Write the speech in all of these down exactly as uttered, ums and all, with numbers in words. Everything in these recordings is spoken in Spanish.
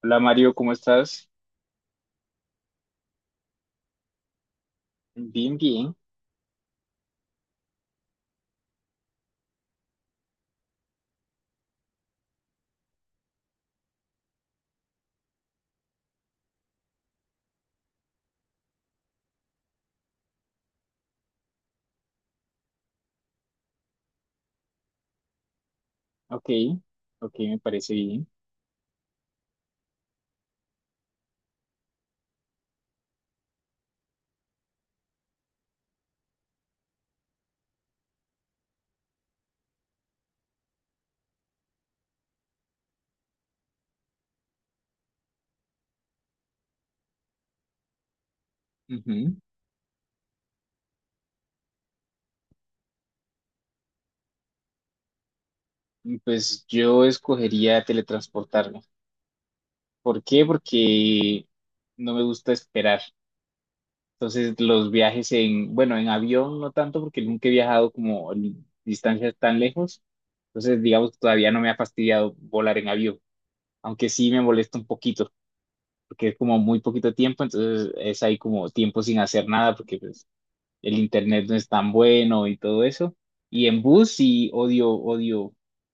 Hola Mario, ¿cómo estás? Bien, bien. Ok, ok, me parece bien. Ujú. Pues yo escogería teletransportarme. ¿Por qué? Porque no me gusta esperar. Entonces los viajes en, bueno, en avión no tanto porque nunca he viajado como en distancias tan lejos. Entonces digamos que todavía no me ha fastidiado volar en avión, aunque sí me molesta un poquito porque es como muy poquito tiempo, entonces es ahí como tiempo sin hacer nada porque pues, el internet no es tan bueno y todo eso. Y en bus sí odio, odio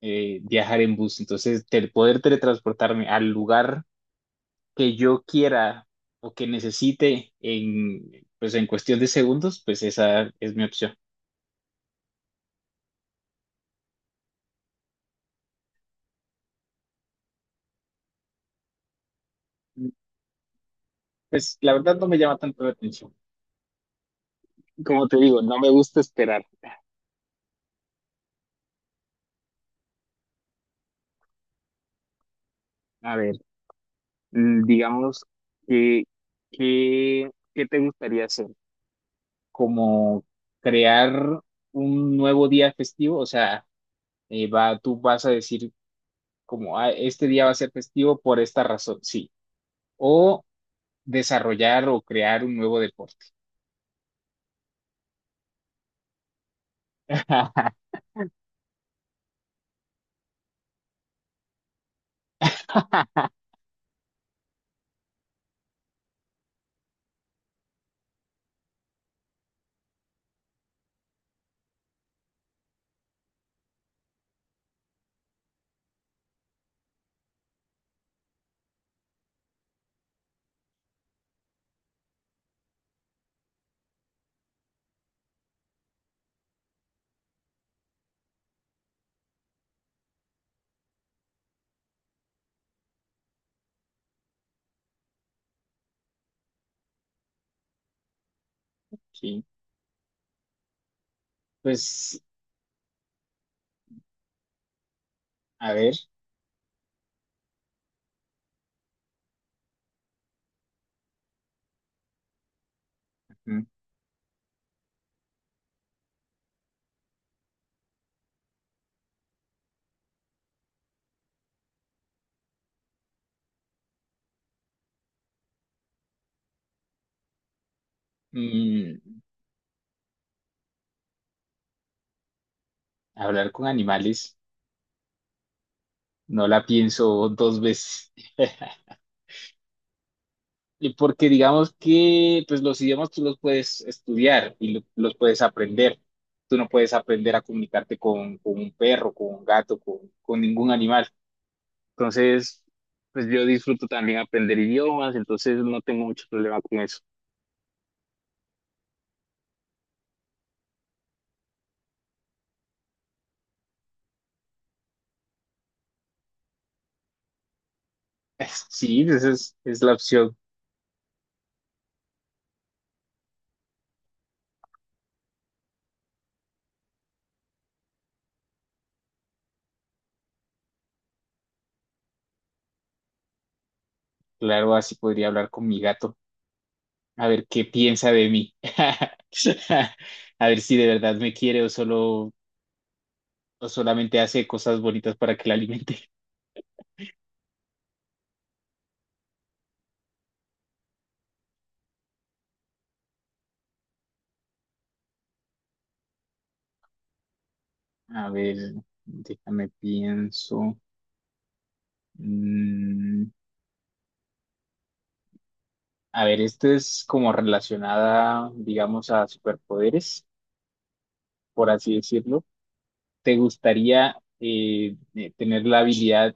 eh, viajar en bus. Entonces, el poder teletransportarme al lugar que yo quiera o que necesite en, pues, en cuestión de segundos, pues esa es mi opción. Pues la verdad no me llama tanto la atención. Como te digo, no me gusta esperar. A ver, mm, digamos que, que, ¿qué te gustaría hacer? Como crear un nuevo día festivo, o sea, eh, va, tú vas a decir como, "Ah, este día va a ser festivo por esta razón, sí." O desarrollar o crear un nuevo deporte. Sí. Pues, a ver, ujú. Mm, hablar con animales, no la pienso dos veces. Y porque digamos que pues los idiomas tú los puedes estudiar y lo- los puedes aprender. Tú no puedes aprender a comunicarte con, con un perro, con un gato, con, con ningún animal. Entonces, pues yo disfruto también aprender idiomas, entonces no tengo mucho problema con eso. Es- Sí, esa es, es la opción. Claro, así podría hablar con mi gato, a ver qué piensa de mí. A ver si de verdad me quiere o solo o solamente hace cosas bonitas para que la alimente. A ver, déjame pienso. Mm, a ver, esto es como relacionada, digamos, a superpoderes, por así decirlo. ¿Te gustaría eh, eh, tener la habilidad,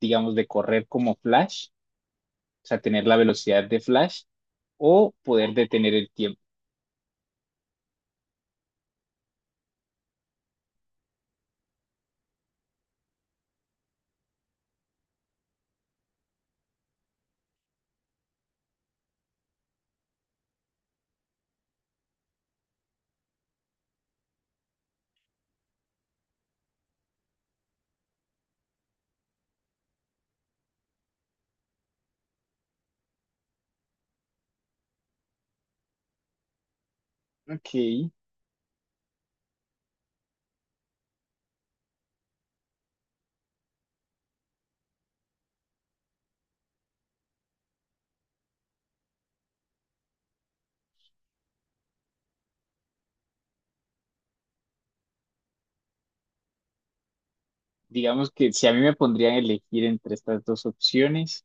digamos, de correr como Flash? O sea, tener la velocidad de Flash o poder detener el tiempo. Ok, digamos que si a mí me pondrían a elegir entre estas dos opciones,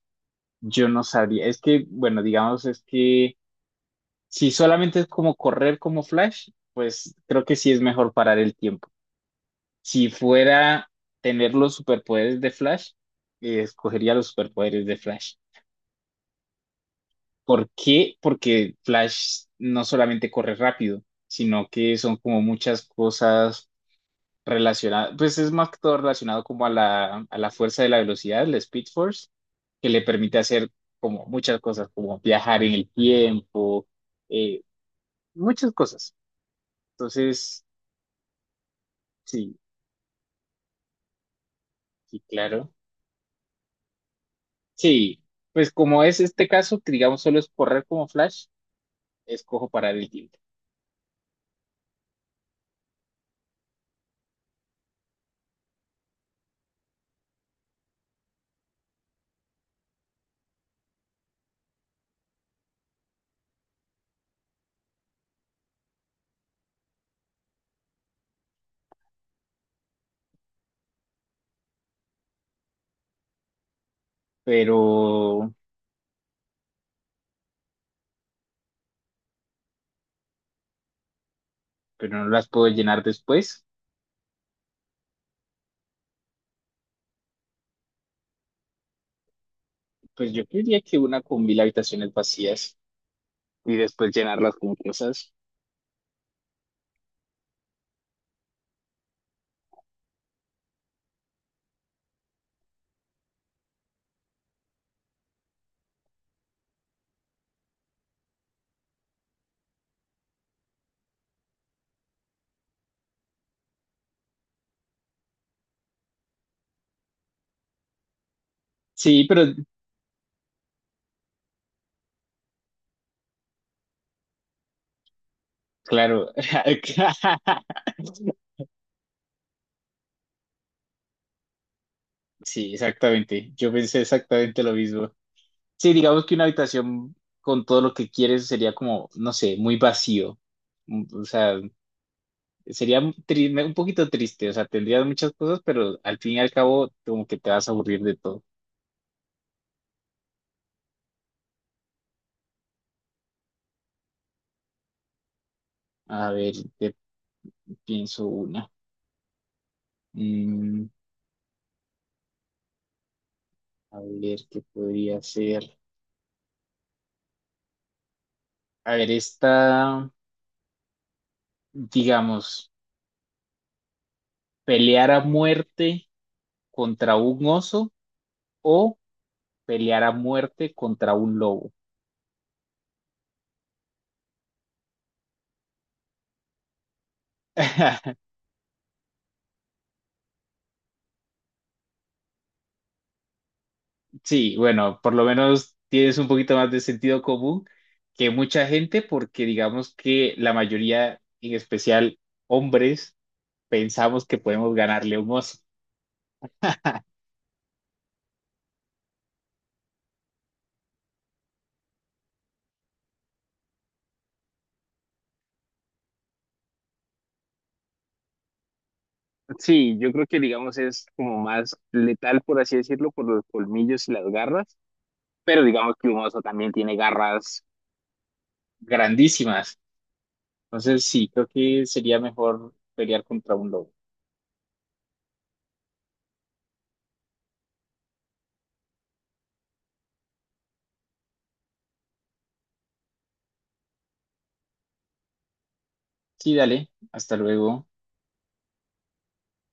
yo no sabría. Es que, bueno, digamos, es que si solamente es como correr como Flash, pues creo que sí es mejor parar el tiempo. Si fuera tener los superpoderes de Flash, eh, escogería los superpoderes de Flash. ¿Por qué? Porque Flash no solamente corre rápido, sino que son como muchas cosas relacionadas, pues es más que todo relacionado como a la, a la fuerza de la velocidad, la Speed Force, que le permite hacer como muchas cosas, como viajar en el tiempo, eh, muchas cosas. Entonces, sí, sí, claro. Sí, pues como es este caso, que digamos solo es correr como Flash, escojo parar el tiempo, pero, pero no las puedo llenar después. Pues yo creería que una con mil habitaciones vacías y después llenarlas con cosas. Sí, pero claro. Sí, exactamente. Yo pensé exactamente lo mismo. Sí, digamos que una habitación con todo lo que quieres sería como, no sé, muy vacío. Mm, o sea, sería un tri- un poquito triste. O sea, tendrías muchas cosas, pero al fin y al cabo, como que te vas a aburrir de todo. A ver, te pienso una. Mm, a ver, ¿qué podría ser? A ver, esta. Digamos, pelear a muerte contra un oso o pelear a muerte contra un lobo. Sí, bueno, por lo menos tienes un poquito más de sentido común que mucha gente, porque digamos que la mayoría, en especial hombres, pensamos que podemos ganarle a un oso. Sí, yo creo que digamos es como más letal, por así decirlo, por los colmillos y las garras, pero digamos que un oso también tiene garras grandísimas. Entonces, sí, creo que sería mejor pelear contra un lobo. Sí, dale, hasta luego.